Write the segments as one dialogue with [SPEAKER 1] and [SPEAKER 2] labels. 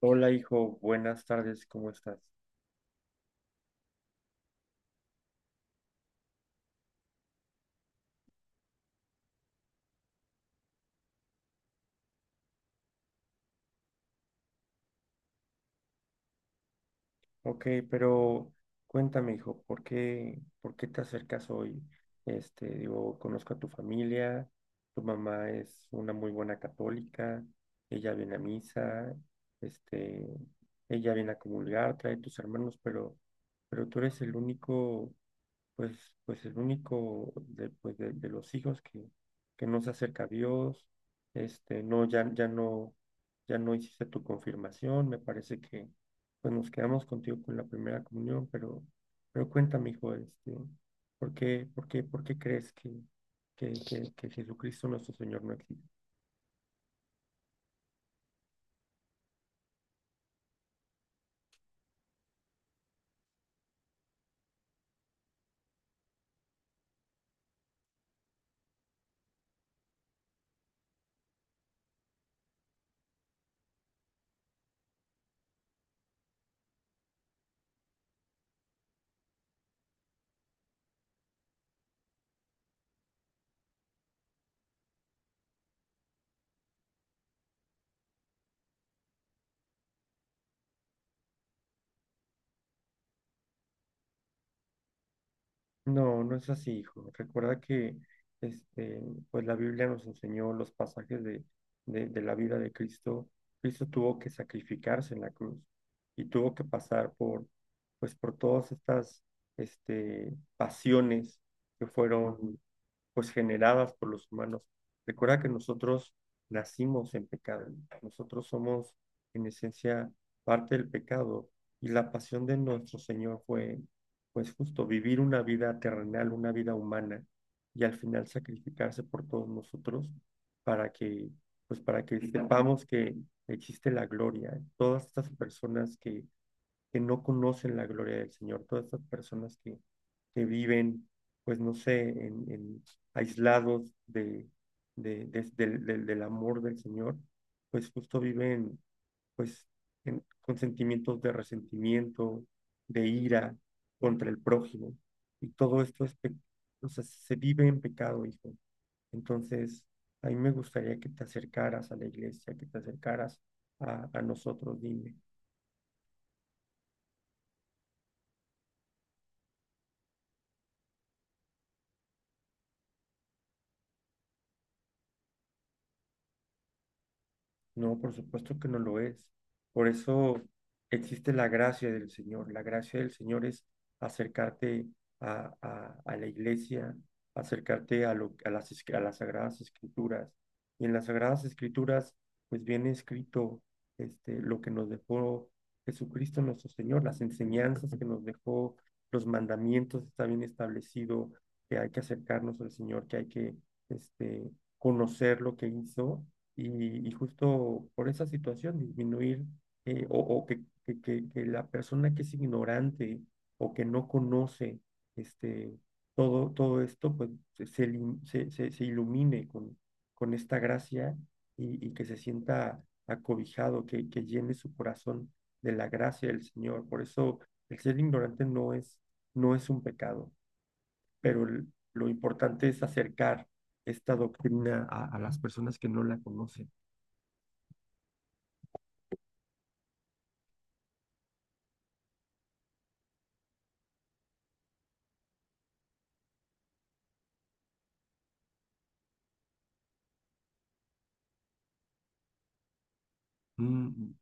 [SPEAKER 1] Hola, hijo, buenas tardes, ¿cómo estás? Ok, pero cuéntame, hijo, ¿por qué te acercas hoy? Digo, conozco a tu familia, tu mamá es una muy buena católica, ella viene a misa, este, ella viene a comulgar, trae tus hermanos, pero tú eres el único pues el único de los hijos que no se acerca a Dios, no, ya no hiciste tu confirmación, me parece que pues nos quedamos contigo con la primera comunión, pero cuéntame, hijo, ¿por qué crees que Jesucristo nuestro Señor no existe? No, no es así, hijo. Recuerda que este, pues la Biblia nos enseñó los pasajes de la vida de Cristo. Cristo tuvo que sacrificarse en la cruz y tuvo que pasar por todas estas pasiones que fueron pues, generadas por los humanos. Recuerda que nosotros nacimos en pecado, ¿no? Nosotros somos en esencia parte del pecado y la pasión de nuestro Señor fue pues justo vivir una vida terrenal, una vida humana y al final sacrificarse por todos nosotros para que, pues para que sepamos que existe la gloria. Todas estas personas que no conocen la gloria del Señor, todas estas personas que viven, pues no sé, en aislados de, des- del, del- del amor del Señor, pues justo viven pues con sentimientos de resentimiento, de ira contra el prójimo. Y todo esto es, o sea, se vive en pecado, hijo. Entonces, a mí me gustaría que te acercaras a la iglesia, que te acercaras a nosotros, dime. No, por supuesto que no lo es. Por eso existe la gracia del Señor. La gracia del Señor es acercarte a la iglesia, acercarte a las Sagradas Escrituras. Y en las Sagradas Escrituras, pues viene escrito lo que nos dejó Jesucristo nuestro Señor, las enseñanzas que nos dejó, los mandamientos, está bien establecido que hay que acercarnos al Señor, que hay que este, conocer lo que hizo y justo por esa situación disminuir, o que la persona que es ignorante o que no conoce este, todo esto, pues se ilumine con esta gracia y que se sienta acobijado, que llene su corazón de la gracia del Señor. Por eso el ser ignorante no es un pecado, pero lo importante es acercar esta doctrina a las personas que no la conocen. Mm.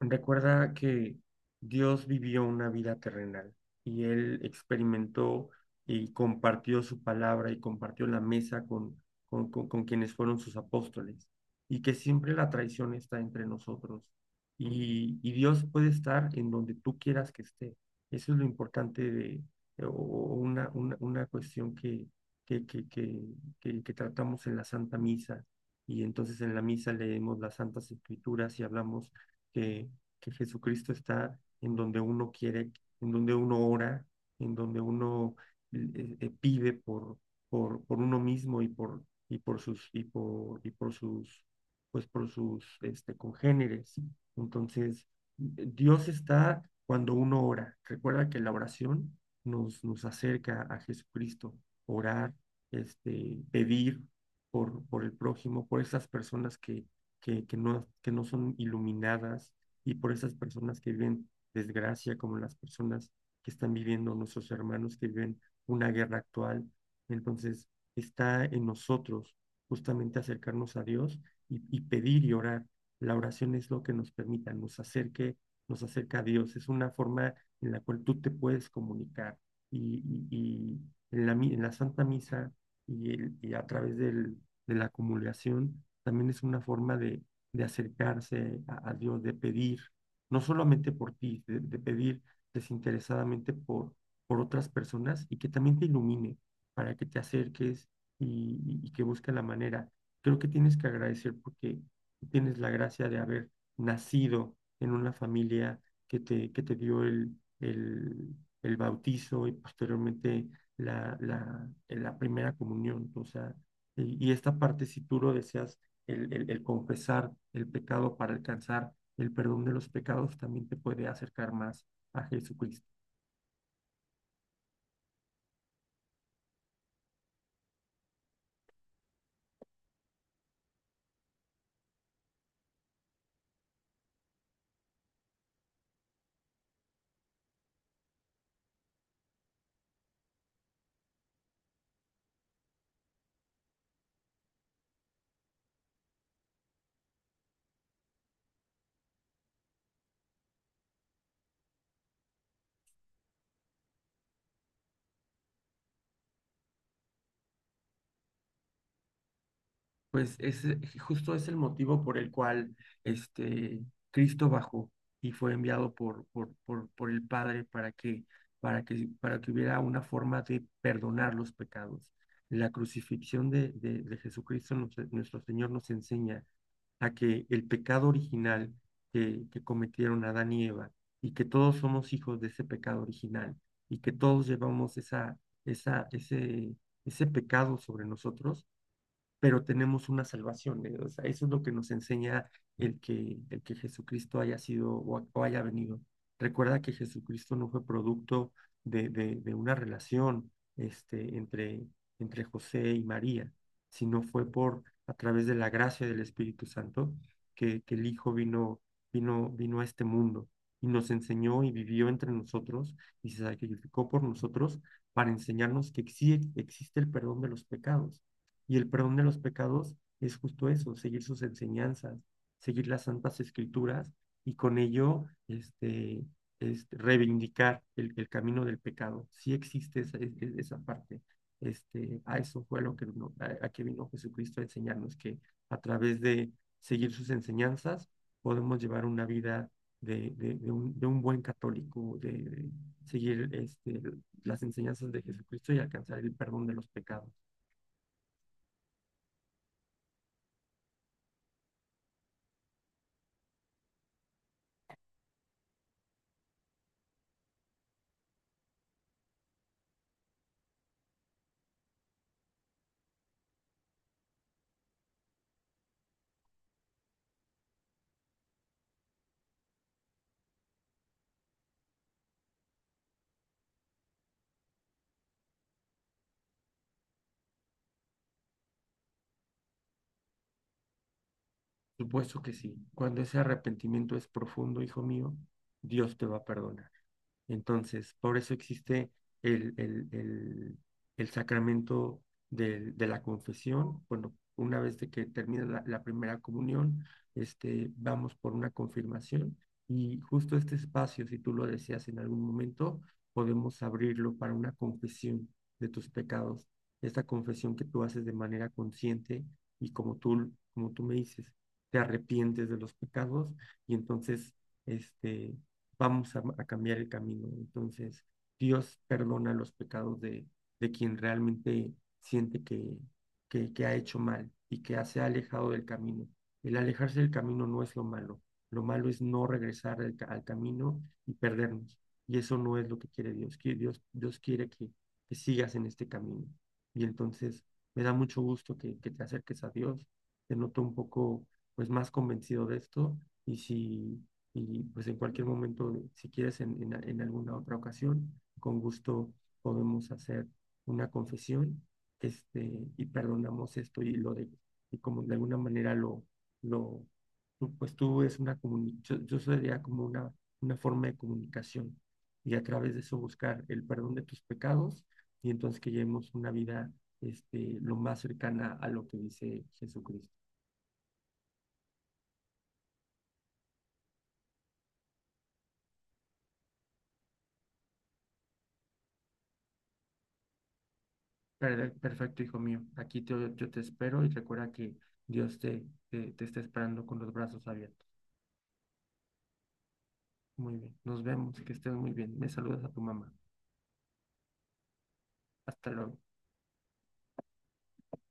[SPEAKER 1] Recuerda que Dios vivió una vida terrenal y Él experimentó y compartió su palabra y compartió la mesa con quienes fueron sus apóstoles y que siempre la traición está entre nosotros y Dios puede estar en donde tú quieras que esté. Eso es lo importante de o una cuestión que, que, que, que tratamos en la Santa Misa y entonces en la misa leemos las Santas Escrituras y hablamos que, que Jesucristo está en donde uno quiere, en donde uno ora, en donde uno pide por uno mismo y por sus, pues por sus congéneres. Entonces, Dios está cuando uno ora. Recuerda que la oración nos acerca a Jesucristo. Orar, pedir por el prójimo, por esas personas que no son iluminadas y por esas personas que viven desgracia, como las personas que están viviendo, nuestros hermanos que viven una guerra actual. Entonces, está en nosotros justamente acercarnos a Dios y pedir y orar. La oración es lo que nos permita, nos acerque, nos acerca a Dios. Es una forma en la cual tú te puedes comunicar. Y, y en la Santa Misa y a través de la comulgación, también es una forma de acercarse a Dios, de pedir, no solamente por ti, de pedir desinteresadamente por otras personas y que también te ilumine para que te acerques y que busque la manera. Creo que tienes que agradecer porque tienes la gracia de haber nacido en una familia que te dio el bautizo y posteriormente la primera comunión. O sea, y esta parte, si tú lo deseas, el confesar el pecado para alcanzar el perdón de los pecados también te puede acercar más a Jesucristo. Pues es justo es el motivo por el cual este Cristo bajó y fue enviado por el Padre para que hubiera una forma de perdonar los pecados. La crucifixión de Jesucristo, nuestro Señor, nos enseña a que el pecado original que cometieron Adán y Eva, y que todos somos hijos de ese pecado original, y que todos llevamos esa, ese, ese pecado sobre nosotros pero tenemos una salvación, ¿eh? O sea, eso es lo que nos enseña el que Jesucristo haya sido o haya venido. Recuerda que Jesucristo no fue producto de una relación entre José y María, sino fue por a través de la gracia del Espíritu Santo que el Hijo vino a este mundo y nos enseñó y vivió entre nosotros y se sacrificó por nosotros para enseñarnos que sí existe el perdón de los pecados y el perdón de los pecados es justo eso, seguir sus enseñanzas, seguir las Santas Escrituras y con ello reivindicar el camino del pecado. Sí existe esa parte. A eso fue lo que, a que vino Jesucristo a enseñarnos, que a través de seguir sus enseñanzas podemos llevar una vida de un buen católico, de seguir las enseñanzas de Jesucristo y alcanzar el perdón de los pecados. Supuesto que sí. Cuando ese arrepentimiento es profundo, hijo mío, Dios te va a perdonar. Entonces, por eso existe el, el- el- el sacramento de la confesión. Bueno, una vez de que termina la primera comunión, vamos por una confirmación y justo este espacio, si tú lo deseas en algún momento, podemos abrirlo para una confesión de tus pecados. Esta confesión que tú haces de manera consciente y como tú me dices, te arrepientes de los pecados y entonces este vamos a cambiar el camino. Entonces, Dios perdona los pecados de quien realmente siente que ha hecho mal y que se ha alejado del camino. El alejarse del camino no es lo malo. Lo malo es no regresar al camino y perdernos. Y eso no es lo que quiere Dios. Que Dios quiere que sigas en este camino. Y entonces me da mucho gusto que te acerques a Dios. Te noto un poco pues más convencido de esto. Y si y pues en cualquier momento, si quieres, en alguna otra ocasión, con gusto podemos hacer una confesión, y perdonamos esto y lo de, y como de alguna manera lo, pues tú es una yo sería como una forma de comunicación y a través de eso buscar el perdón de tus pecados y entonces que llevemos una vida, lo más cercana a lo que dice Jesucristo. Perfecto, hijo mío. Aquí yo te espero y recuerda que Dios te está esperando con los brazos abiertos. Muy bien. Nos vemos. Que estés muy bien. Me saludas a tu mamá. Hasta luego.